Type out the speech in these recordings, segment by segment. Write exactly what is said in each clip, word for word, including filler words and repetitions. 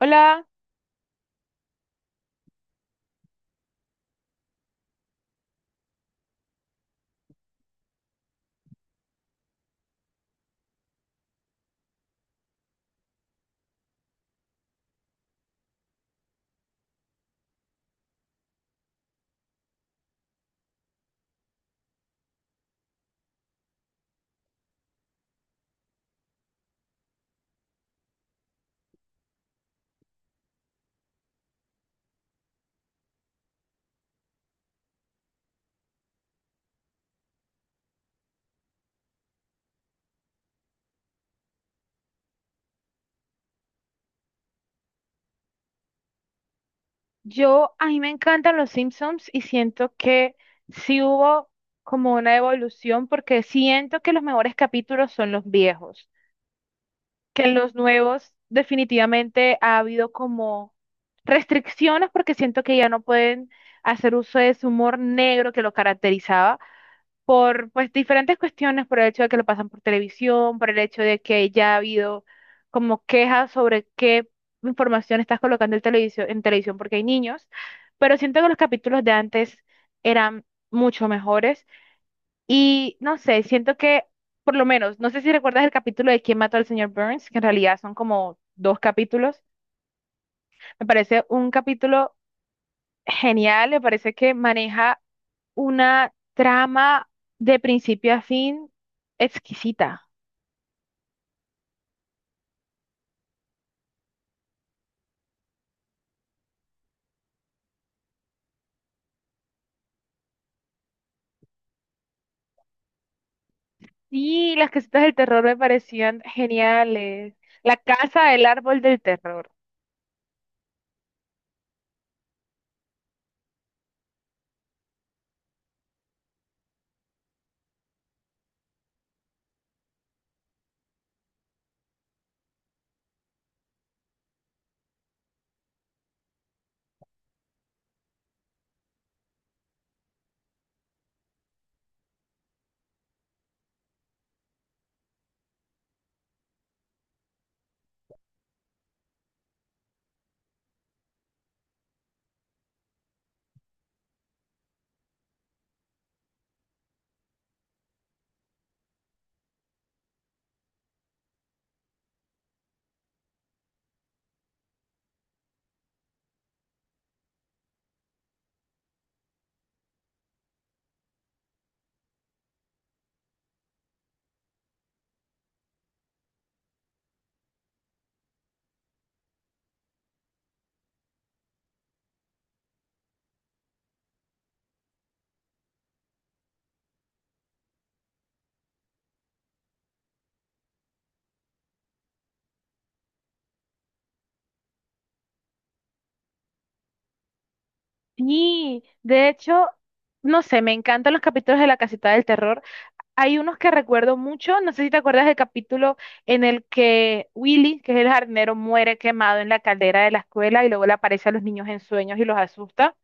Hola, yo a mí me encantan los Simpsons y siento que sí hubo como una evolución porque siento que los mejores capítulos son los viejos, que en los nuevos definitivamente ha habido como restricciones porque siento que ya no pueden hacer uso de ese humor negro que lo caracterizaba por pues diferentes cuestiones, por el hecho de que lo pasan por televisión, por el hecho de que ya ha habido como quejas sobre qué información estás colocando en televisión, en televisión porque hay niños, pero siento que los capítulos de antes eran mucho mejores y no sé, siento que por lo menos, no sé si recuerdas el capítulo de ¿Quién mató al señor Burns?, que en realidad son como dos capítulos, me parece un capítulo genial, me parece que maneja una trama de principio a fin exquisita. Sí, las casitas del terror me parecían geniales. La casa del árbol del terror. Sí, de hecho, no sé, me encantan los capítulos de la casita del terror. Hay unos que recuerdo mucho, no sé si te acuerdas del capítulo en el que Willy, que es el jardinero, muere quemado en la caldera de la escuela y luego le aparece a los niños en sueños y los asusta.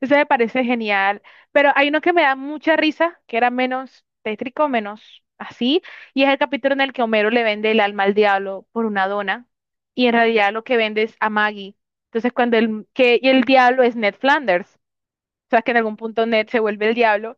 Ese me parece genial, pero hay uno que me da mucha risa, que era menos tétrico, menos así, y es el capítulo en el que Homero le vende el alma al diablo por una dona, y en realidad lo que vende es a Maggie. Entonces, cuando el, que, y el diablo es Ned Flanders, o sea, que en algún punto Ned se vuelve el diablo,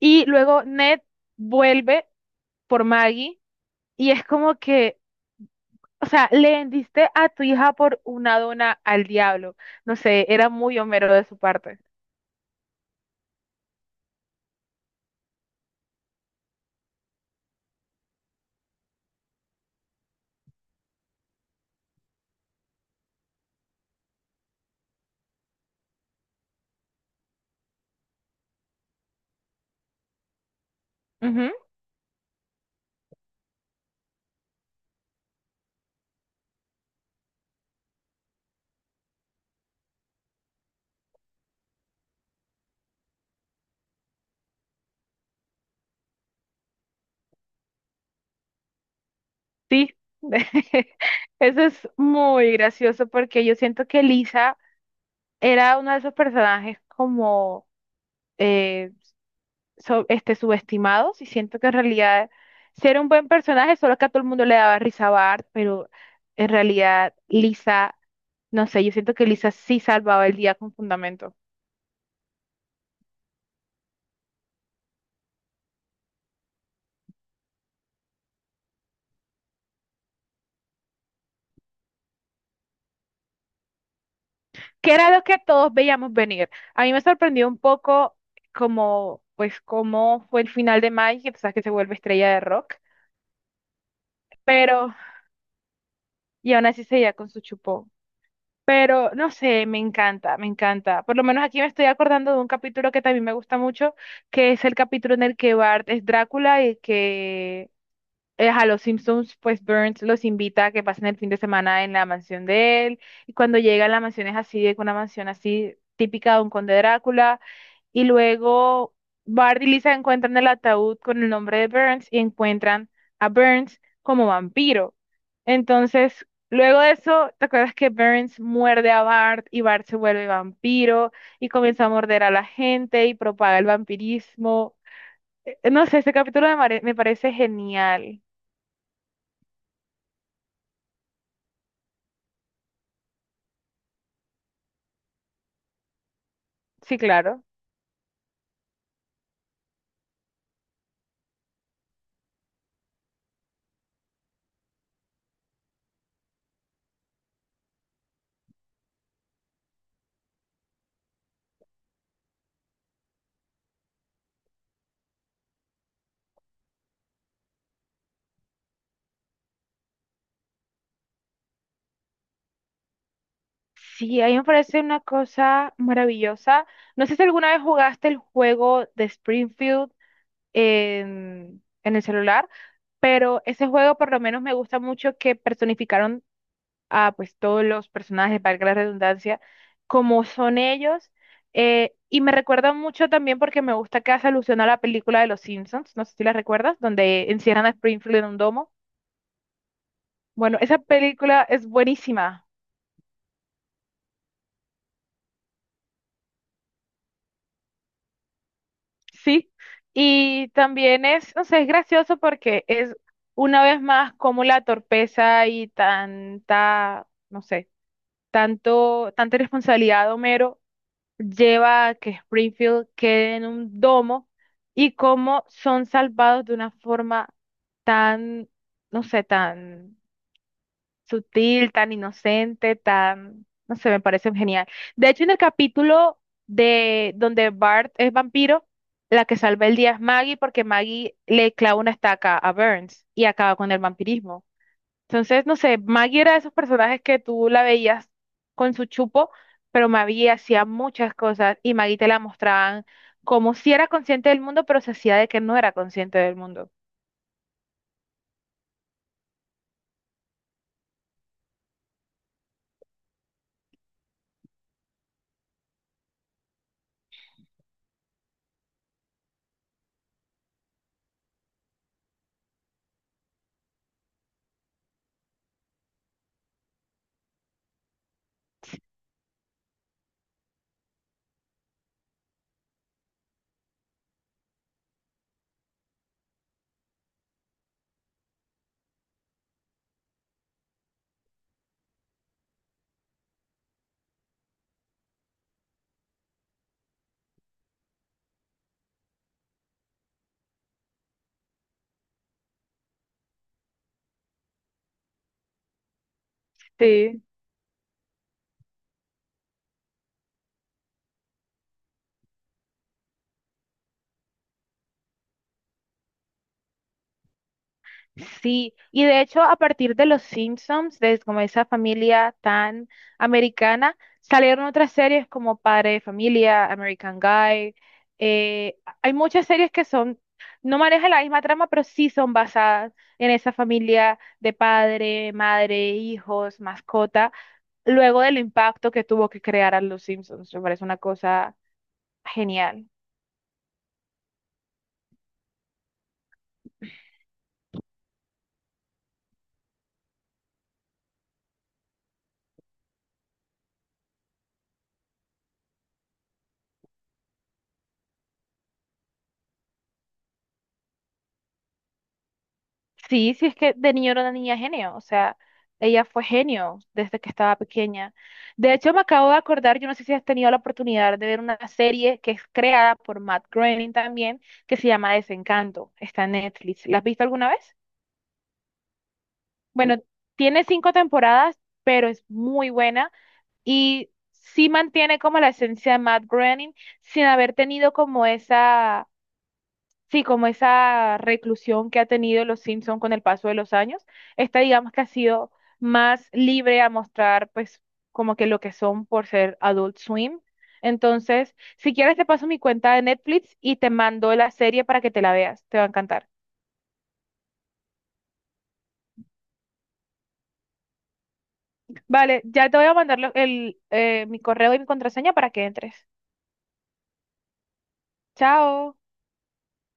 y luego Ned vuelve por Maggie, y es como que, o sea, le vendiste a tu hija por una dona al diablo. No sé, era muy Homero de su parte. Sí, eso es muy gracioso porque yo siento que Lisa era uno de esos personajes como eh, so- este, subestimados, y siento que en realidad sí era un buen personaje, solo que a todo el mundo le daba risa a Bart, pero en realidad Lisa, no sé, yo siento que Lisa sí salvaba el día con fundamento, que era lo que todos veíamos venir. A mí me sorprendió un poco como, pues, cómo fue el final de Mike, que tú sabes que se vuelve estrella de rock. Pero y aún así seguía con su chupón. Pero no sé, me encanta, me encanta. Por lo menos aquí me estoy acordando de un capítulo que también me gusta mucho, que es el capítulo en el que Bart es Drácula y que eh, a los Simpsons, pues Burns los invita a que pasen el fin de semana en la mansión de él. Y cuando llegan, la mansión es así, es una mansión así típica de un conde Drácula, y luego Bart y Lisa encuentran el ataúd con el nombre de Burns y encuentran a Burns como vampiro. Entonces, luego de eso, ¿te acuerdas que Burns muerde a Bart y Bart se vuelve vampiro y comienza a morder a la gente y propaga el vampirismo? Eh, No sé, este capítulo me, mare- me parece genial. Sí, claro. Sí, a mí me parece una cosa maravillosa. No sé si alguna vez jugaste el juego de Springfield en, en el celular, pero ese juego por lo menos me gusta mucho que personificaron a pues todos los personajes, valga la redundancia, como son ellos. Eh, y me recuerda mucho también porque me gusta que hace alusión a la película de Los Simpsons, no sé si la recuerdas, donde encierran a Springfield en un domo. Bueno, esa película es buenísima, sí. Y también es, no sé, es gracioso porque es una vez más como la torpeza y tanta, no sé tanto, tanta responsabilidad de Homero lleva a que Springfield quede en un domo, y cómo son salvados de una forma tan, no sé, tan sutil, tan inocente, tan, no sé, me parece genial. De hecho, en el capítulo de donde Bart es vampiro, la que salva el día es Maggie porque Maggie le clava una estaca a Burns y acaba con el vampirismo. Entonces, no sé, Maggie era de esos personajes que tú la veías con su chupo, pero Maggie hacía muchas cosas y Maggie te la mostraban como si era consciente del mundo, pero se hacía de que no era consciente del mundo. Sí. Sí, y de hecho a partir de Los Simpsons, de como esa familia tan americana, salieron otras series como Padre de Familia, American Guy. eh, Hay muchas series que son, no manejan la misma trama, pero sí son basadas en esa familia de padre, madre, hijos, mascota, luego del impacto que tuvo que crear a Los Simpsons. Me parece una cosa genial. Sí, sí es que de niño era una niña genio, o sea, ella fue genio desde que estaba pequeña. De hecho, me acabo de acordar, yo no sé si has tenido la oportunidad de ver una serie que es creada por Matt Groening también, que se llama Desencanto, está en Netflix. ¿La has visto alguna vez? Bueno, tiene cinco temporadas, pero es muy buena y sí mantiene como la esencia de Matt Groening sin haber tenido como esa, sí, como esa reclusión que ha tenido los Simpson con el paso de los años. Esta digamos que ha sido más libre a mostrar pues como que lo que son por ser Adult Swim. Entonces, si quieres te paso mi cuenta de Netflix y te mando la serie para que te la veas, te va a encantar. Vale, ya te voy a mandar lo- el, eh, mi correo y mi contraseña para que entres. Chao.